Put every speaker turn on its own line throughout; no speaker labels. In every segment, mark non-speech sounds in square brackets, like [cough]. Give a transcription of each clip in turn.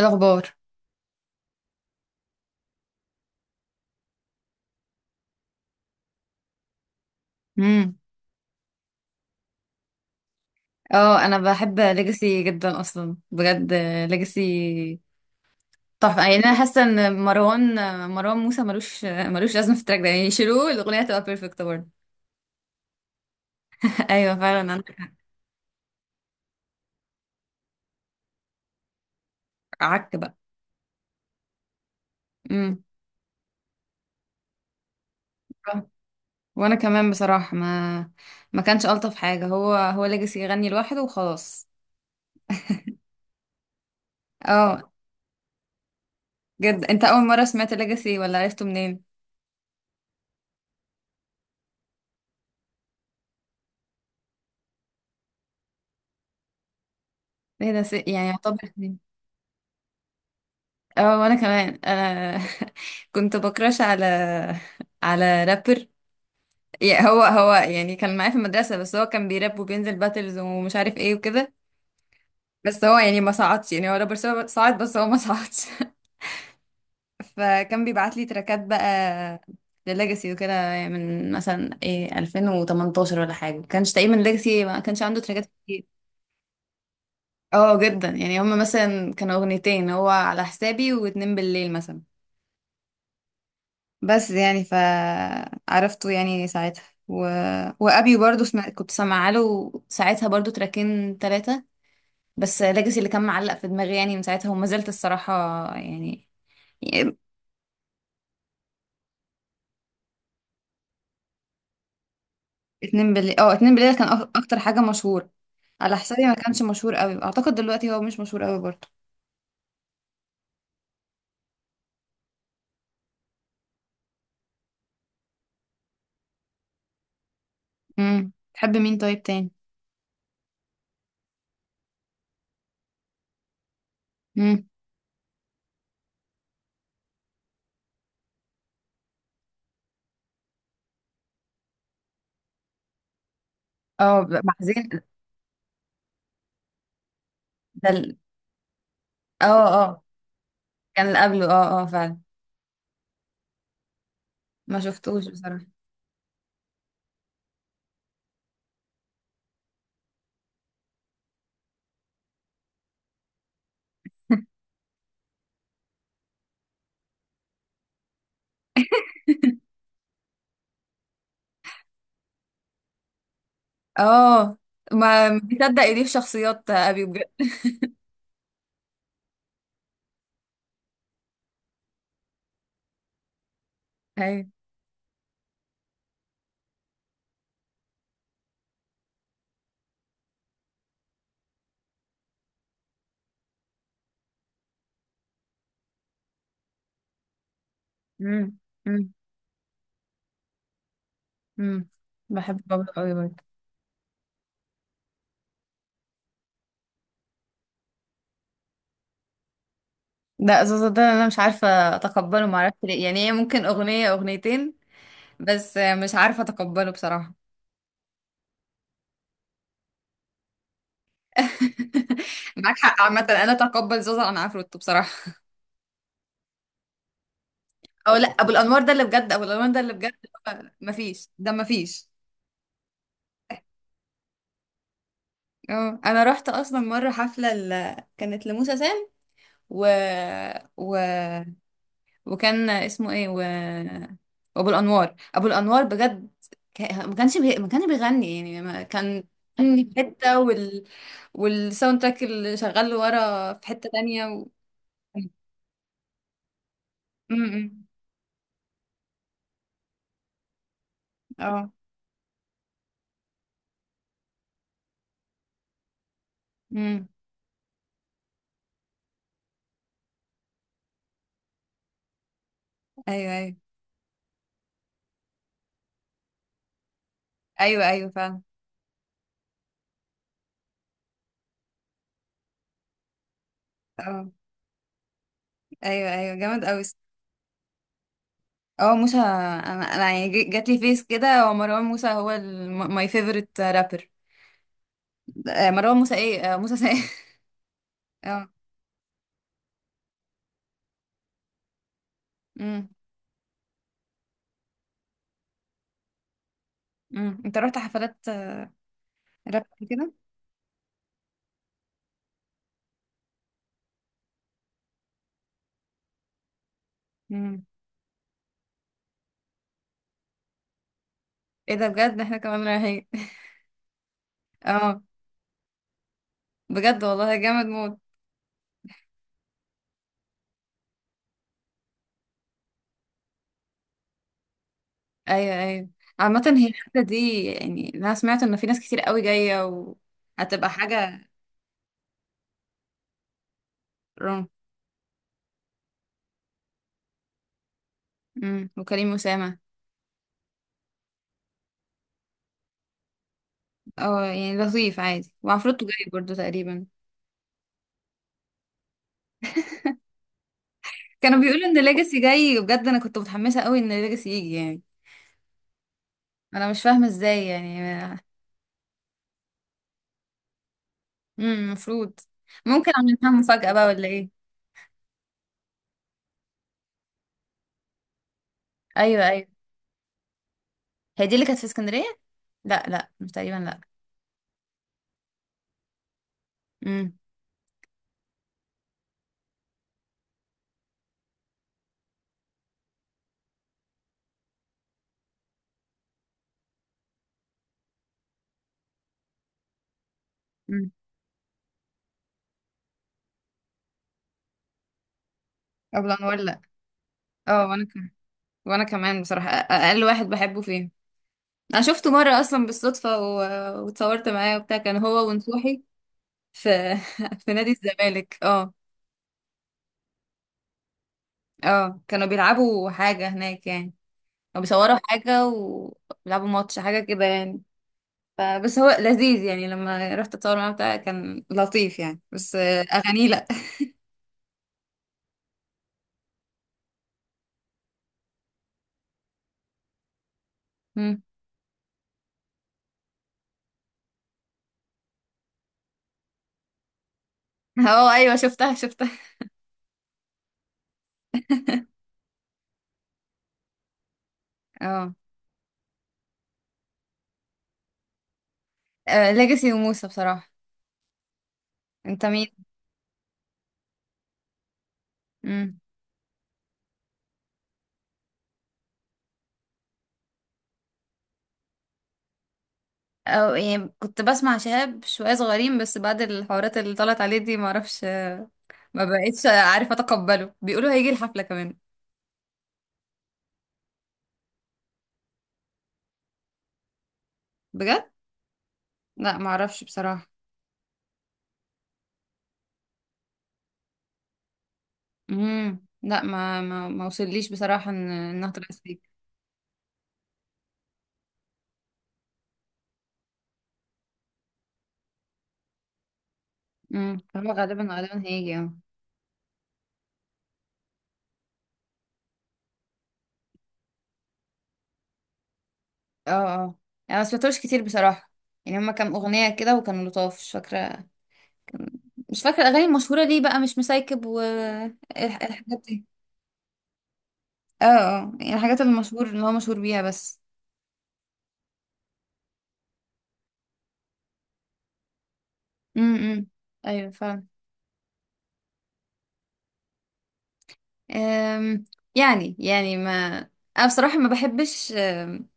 الأخبار. امم اه، أنا بحب ليجاسي جدا أصلا بجد. ليجاسي تحفة يعني. أنا حاسة إن مروان موسى ملوش لازمة في التراك ده، يعني يشيلوه الأغنية تبقى بيرفكت برضه. [laughs] أيوة فعلا عندك حق. عك بقى. امم وأنا كمان بصراحة ما كانش ألطف حاجة هو ليجاسي يغني لوحده وخلاص. اه. جد أنت أول مرة سمعت ليجاسي ولا عرفته منين؟ ايه ده يعني يعتبر. اه وانا كمان انا. [laughs] كنت بكراش على على رابر. يعني هو يعني كان معايا في المدرسة، بس هو كان بيراب وبينزل باتلز ومش عارف ايه وكده. بس هو يعني ما صعدش، يعني هو رابر صعد، بس هو ما صعدش. [laughs] فكان بيبعت لي تراكات بقى لليجاسي وكده، يعني من مثلا ايه 2018 ولا حاجة. كانش تقريبا ليجاسي ما كانش عنده تراكات كتير. اه جدا. يعني هما مثلا كانوا اغنيتين، هو على حسابي واتنين بالليل مثلا. بس يعني فعرفته يعني ساعتها و... وابي برضو سمع... كنت سامعه له ساعتها برضو تراكين ثلاثه. بس ليجاسي اللي كان معلق في دماغي يعني من ساعتها وما زلت الصراحه يعني. اتنين بالليل، اه اتنين بالليل كان اكتر حاجه مشهور. على حسابي ما كانش مشهور قوي، اعتقد دلوقتي هو مش مشهور قوي برضو. تحب مين طيب تاني؟ امم اه محزين. ده ال- اه اه كان اللي قبله، اه اه فعلا. ما شفتوش بصراحه. اه ما بيصدق ايديه في شخصيات ابي بجد. [laughs] ايوه. امم امم امم بحب بابلو قوي برضه. لا زوزو ده انا مش عارفه اتقبله، ما اعرفش ليه. يعني هي ممكن اغنيه اغنيتين، بس مش عارفه اتقبله بصراحه. [laughs] معاك حق عامه، انا اتقبل زوزو عن عفروتو بصراحه. او لا، ابو الانوار ده اللي بجد، ابو الانوار ده اللي بجد. ما فيش، ده ما فيش. اه انا رحت اصلا مره حفله ل... كانت لموسى سام و... و... وكان اسمه ايه و... وابو الانوار، ابو الانوار بجد ما كانش ما كانش بيغني يعني، ما كان بيغني في حته وال... والساوند تراك اللي شغال ورا في حته تانية و... امم اه. امم ايوه ايوه ايوه ايوه فعلا. اه ايوه ايوه جامد قوي. اه موسى، انا انا يعني جات لي فيس كده هو مروان موسى، هو ماي فيفورت رابر. مروان موسى ايه، موسى سايق. [laughs] اه. امم انت رحت حفلات راب كده؟ مم. ايه ده بجد، احنا كمان رايحين. [laughs] اه بجد والله جامد موت. ايوه ايوه. عامة هي الحتة دي، يعني انا سمعت ان في ناس كتير قوي جاية وهتبقى حاجة. روم. وكريم أسامة. اه يعني لطيف عادي، وعفروتو جاي برضو تقريبا. كانوا بيقولوا ان ليجاسي جاي بجد، انا كنت متحمسة قوي ان ليجاسي يجي يعني. انا مش فاهمة ازاي يعني. المفروض. ممكن عاملينها مفاجأة بقى، ولا ايه؟ ايوه ايوه. هي دي اللي كانت في اسكندرية؟ لا لا، مش تقريبا لا. امم ابو الانوار، لا. اه وانا كمان، وانا كمان بصراحه اقل واحد بحبه فيه. انا شفته مره اصلا بالصدفه و... واتصورت معاه وبتاع، كان هو ونصوحي في [laughs] في نادي الزمالك، اه. اه كانوا بيلعبوا حاجه هناك يعني، او بيصوروا حاجه وبيلعبوا ماتش حاجه كده يعني. ف... بس هو لذيذ يعني، لما رحت اتصور معاه بتاع كان لطيف يعني، بس اغانيه لا. [laughs] مم. اه ايوه، شفتها شفتها. اه، ليجاسي وموسى بصراحه. انت. مين؟ او يعني كنت بسمع شهاب شوية صغيرين، بس بعد الحوارات اللي طلعت عليه دي معرفش. ما بقتش عارفة اتقبله. بيقولوا هيجي الحفلة كمان. بجد؟ لا معرفش بصراحة. لا ما وصليش بصراحة ان انها طلعت فيه. هو غالبا غالبا هيجي اه. اه اه انا ما سمعتوش كتير بصراحة، يعني هما كام اغنية كده وكانوا لطاف مش فاكرة. كان- مش فاكرة الاغاني المشهورة ليه بقى، مش مسايكب والحاجات دي. اه اه يعني الحاجات المشهور اللي هو مشهور بيها بس. امم امم. ايوه فعلا. أم، يعني ما، انا بصراحه ما بحبش،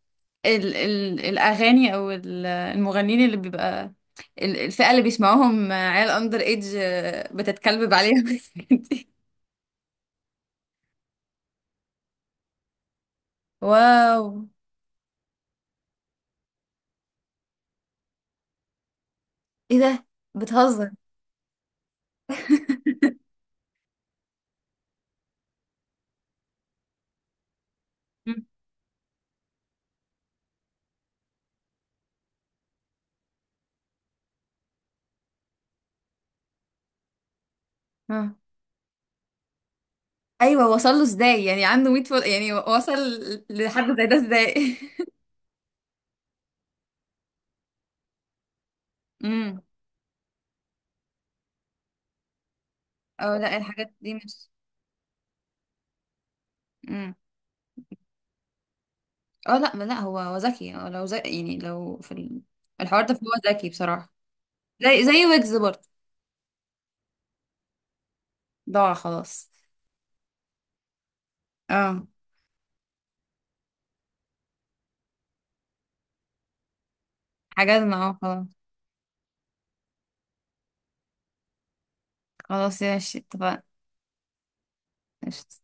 ال ال الاغاني او المغنيين اللي بيبقى الفئه اللي بيسمعوهم عيال اندر ايج، بتتكلبب عليهم. [laughs] واو. ايه ده، بتهزر؟ مم. آه. ايوه وصل له ازاي؟ يعني عنده 100 فول يعني، وصل لحد زي ده ازاي؟ [laughs] امم او لا، الحاجات دي مش. اه لا ما لا، هو ذكي، هو لو ذكي يعني لو في الحوار ده فهو ذكي بصراحة. زي زي ويجز برضه. ضاع خلاص. اه حجزنا، اه خلاص. خلاص يا ماشي، اتفقنا. قشطة.